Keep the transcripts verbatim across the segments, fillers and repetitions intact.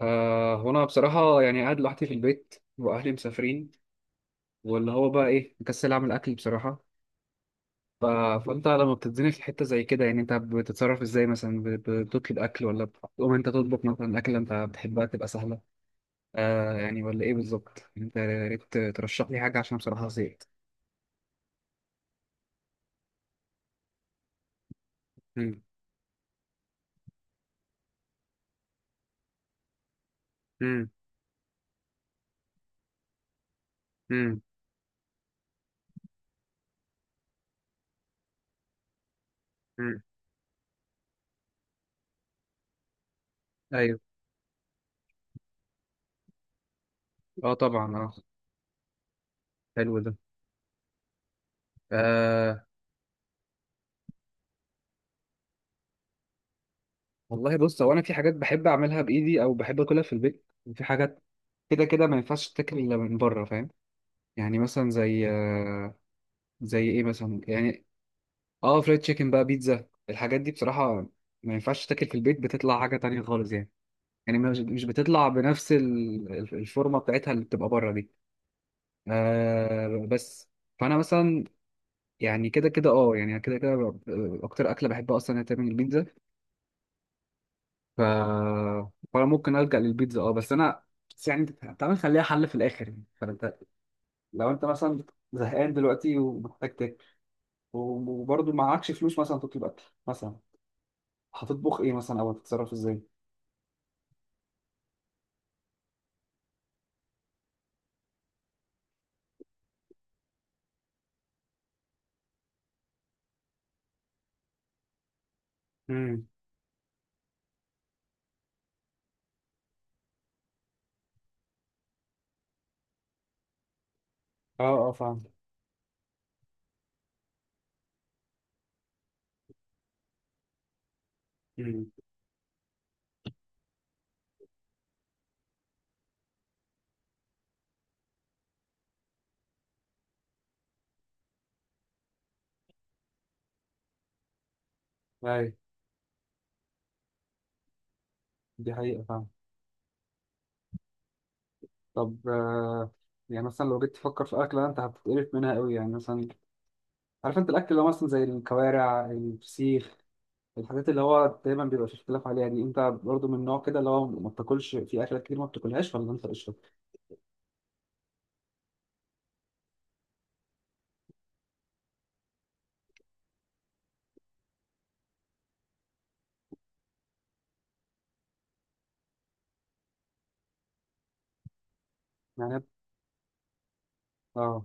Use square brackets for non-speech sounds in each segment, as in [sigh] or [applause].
آه هو انا بصراحه، يعني قاعد لوحدي في البيت واهلي مسافرين. واللي هو بقى ايه، مكسل اعمل اكل بصراحه. ف... فانت لما بتتزنق في حته زي كده، يعني انت بتتصرف ازاي؟ مثلا ب- بتطلب اكل ولا بتقوم انت تطبخ مثلا؟ اكل انت بتحبها تبقى سهله. آه يعني، ولا ايه بالظبط؟ يعني انت يا ريت ترشح لي حاجه، عشان بصراحه زهقت. امم. امم. امم. ايوه. اه طبعا اه. حلو ده. آه. والله بص، هو انا في حاجات بحب اعملها بايدي او بحب اكلها في البيت، وفي حاجات كده كده ما ينفعش تتاكل الا من بره، فاهم؟ يعني مثلا زي آه، زي ايه مثلا؟ يعني اه، فرايد تشيكن بقى، بيتزا، الحاجات دي بصراحه ما ينفعش تتاكل في البيت، بتطلع حاجه تانية خالص يعني. يعني مش مش بتطلع بنفس ال- ال- الفورمه بتاعتها اللي بتبقى بره دي. آه بس. فانا مثلا، يعني كده كده اه يعني كده كده ب- اكتر اكله بحبها اصلا هي تعمل البيتزا. ف فانا ممكن الجا للبيتزا اه بس انا، بس يعني تعالى نخليها حل في الاخر. يعني فانت لو انت مثلا زهقان دلوقتي ومحتاج تاكل، وبرضه معكش فلوس مثلا تطلب اكل، مثلا هتطبخ ايه، مثلا او هتتصرف ازاي؟ امم. اه. اه فاهم. امم. اي، دي حقيقة فاهم. طب آه يعني مثلا لو جيت تفكر في اكله انت هتتقرف منها قوي، يعني مثلا عارف انت الاكل اللي هو مثلا زي الكوارع، الفسيخ، الحاجات اللي هو دايما بيبقى في اختلاف عليها دي، انت برضو من النوع كده اللي هو ما بتاكلش؟ في اكلات كتير ما بتاكلهاش ولا انت قشطه؟ يعني. اه.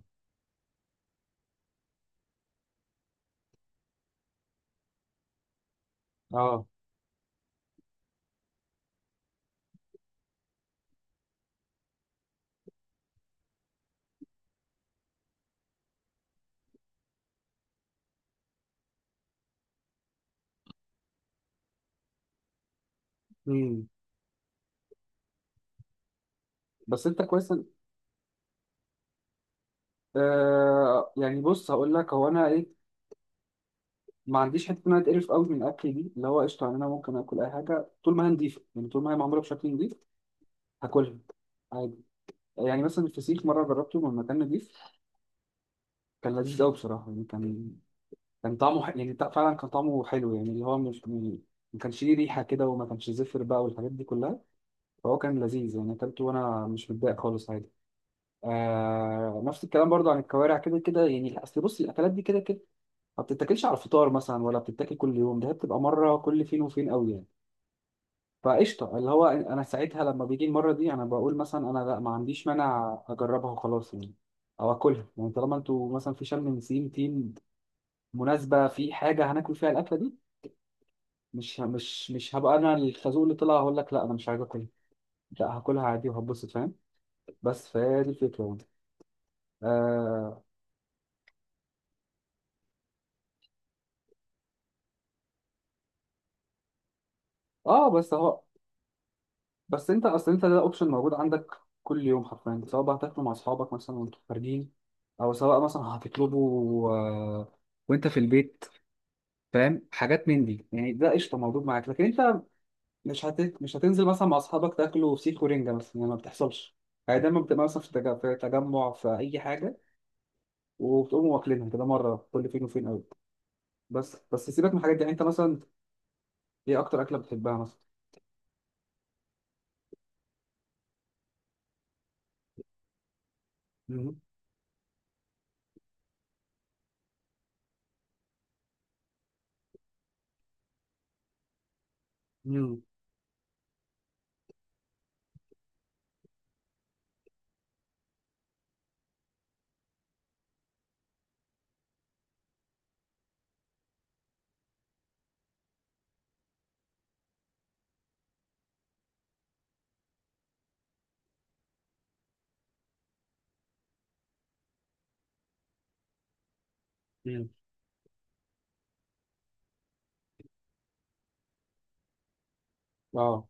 اه. مم. بس انت كويس إن- آه يعني، بص هقول لك، هو انا ايه، ما عنديش حته ان انا اتقرف قوي من الاكل دي اللي هو قشطه. يعني انا ممكن اكل اي حاجه طول ما هي نضيفه، يعني طول ما هي معموله بشكل نضيف هاكلها عادي. يعني مثلا الفسيخ مره جربته من مكان نضيف، كان لذيذ قوي بصراحه يعني. كان كان طعمه ح... يعني تع- فعلا كان طعمه حلو، يعني اللي هو مش م- ما كانش ليه ريحة كده، وما كانش زفر بقى والحاجات دي كلها. فهو كان لذيذ، يعني أكلته وأنا مش متضايق خالص، عادي. آه... نفس الكلام برضو عن الكوارع. كده كده يعني، أصل بص الأكلات دي كده كده ما بتتاكلش على الفطار مثلا، ولا بتتاكل كل يوم، ده هي بتبقى مرة كل فين وفين قوي يعني. فقشطة، اللي هو أنا ساعتها لما بيجي المرة دي أنا بقول مثلا، أنا لا ما عنديش مانع أجربها وخلاص يعني، أو أكلها. يعني طالما أنتوا مثلا في شم نسيم تيم، مناسبة، في حاجة هناكل فيها الأكلة دي، مش ه- مش مش هبقى انا الخازوق اللي طلع هقول لك لا انا مش عايز اكل. لا هاكلها عادي وهتبسط، فاهم؟ بس فهي دي الفكره يعني. اه. اه بس اهو. بس انت اصل، انت ده اوبشن موجود عندك كل يوم حرفيا، سواء بقى هتاكله مع اصحابك مثلا وانتوا خارجين، او سواء مثلا هتطلبه آه، وانت في البيت، فاهم، حاجات من دي يعني. ده قشطه موجود معاك، لكن انت مش هت... مش هتنزل مثلا مع اصحابك تاكلوا فسيخ ورنجه مثلا، يعني ما بتحصلش. يعني دايما بتبقى مثلا في تج- في تجمع في اي حاجه، وبتقوموا واكلينها كده مره كل فين وفين قوي. بس بس سيبك من الحاجات دي. يعني انت مثلا ايه اكتر اكله بتحبها مثلا؟ مم. مم. مم. اه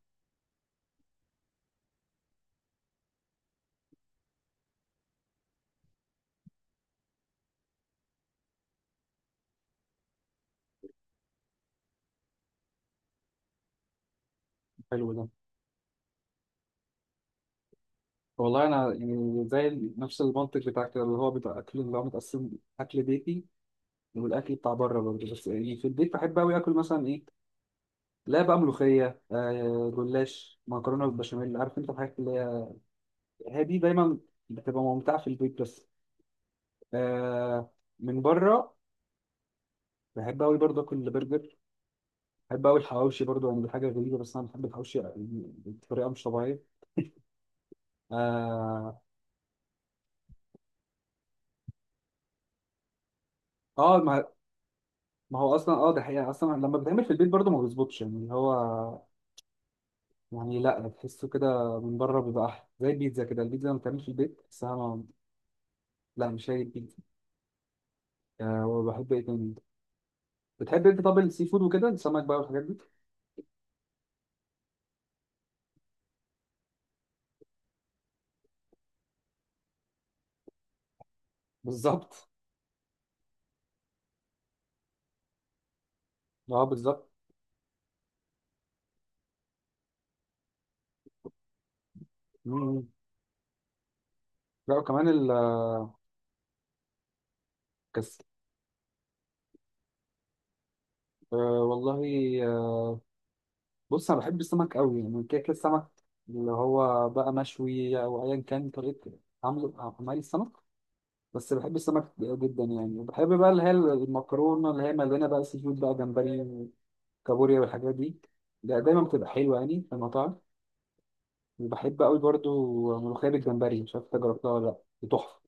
حلو ده. والله انا يعني زي ال- نفس المنطق بتاعك كده، اللي هو بيبقى اكل اللي هو متقسم: اكل بيتي والاكل بتاع بره برضه. بس يعني في البيت بحب قوي اكل مثلا ايه، لا بقى، ملوخيه، آه جلاش، مكرونه بالبشاميل، عارف انت الحاجات اللي هي، هي دي دايما بتبقى ممتعه في البيت. بس آه من بره بحب قوي برضه اكل برجر. بحب أوي الحواوشي برضو، يعني دي حاجة غريبة بس أنا بحب الحواوشي بطريقة مش طبيعية. آه, آه ما, ما هو أصلا آه ده حقيقة، أصلا لما بيتعمل في البيت برضو ما بيظبطش، يعني اللي هو، يعني لا تحسه كده، من بره بيبقى أحلى. زي البيتزا كده، البيتزا لما بتتعمل في البيت تحسها ما- لا، مش هي البيتزا. آه، وبحب إيه تاني؟ بتحب أنت طب السي فود وكده، السمك بقى والحاجات دي؟ بالظبط. آه بالظبط. مم. لا وكمان الكاس. آه والله بص انا بحب السمك قوي، يعني كيك السمك اللي هو بقى مشوي او ايا كان طريقه عمله، عمل السمك. بس بحب السمك جدا يعني، وبحب بقى اللي هي المكرونه اللي هي مليانه بقى سي فود بقى، جمبري وكابوريا والحاجات دي، ده دايما بتبقى حلوه يعني في المطاعم. وبحب قوي برضو ملوخيه بالجمبري، مش عارف انت جربتها ولا لا؟ دي تحفه.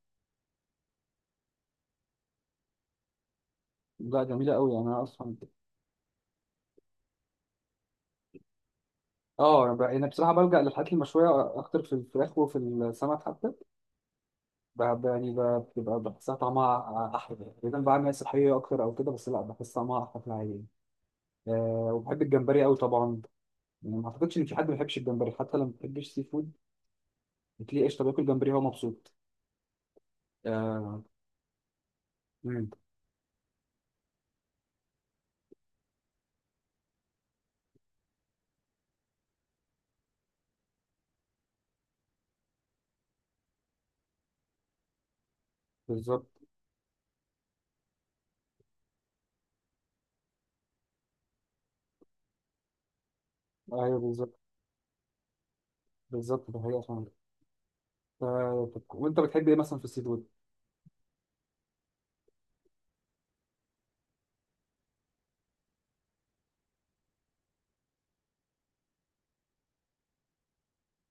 لا جميله قوي يعني، انا اصلا. اه، انا بقى- أنا بصراحه بلجأ للحاجات المشويه اكتر، في الفراخ وفي السمك حتى. بحب يعني ب- بتبقى بحسها طعمها أحلى، إذا بعمل صحية أكتر أو كده. بس لا، بحس طعمها أحلى في العادية. أه، وبحب الجمبري أوي طبعا، يعني ما أعتقدش إن في حد ما بيحبش الجمبري، حتى لو ما بيحبش سي فود بتلاقيه قشطة بياكل جمبري هو مبسوط. أه. مم، بالظبط. أيوه بالظبط. بالظبط ده حقيقة فعلا. آه، طب وأنت بتحب إيه مثلا في السي فود؟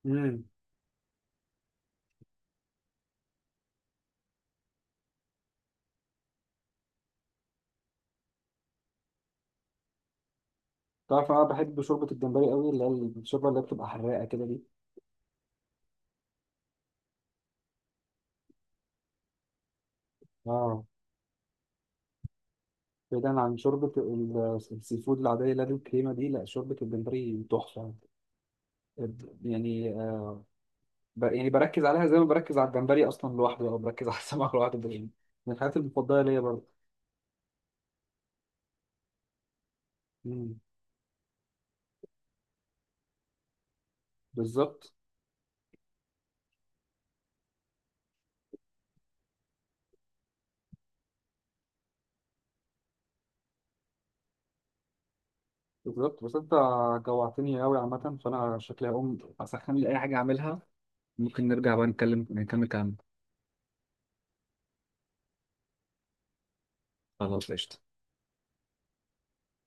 مم. تعرف، أنا بحب شوربة الجمبري أوي، اللي هي الشوربة اللي هي بتبقى حراقة كده دي. أه. بعيدا عن شوربة ال- السي فود العادية اللي هي الكريمة دي، لا شوربة الجمبري تحفة. يعني آه، ب- يعني بركز عليها زي ما بركز على الجمبري اصلا لوحده، او بركز على السمك [laughs] لوحده ده يعني. من الحاجات المفضله ليا برضه. مم. بالظبط بالظبط. بس انت جوعتني قوي عامه، فانا شكلي هقوم اسخن لي اي حاجه اعملها. ممكن نرجع بقى نتكلم، نكمل كلامنا. خلاص قشطه.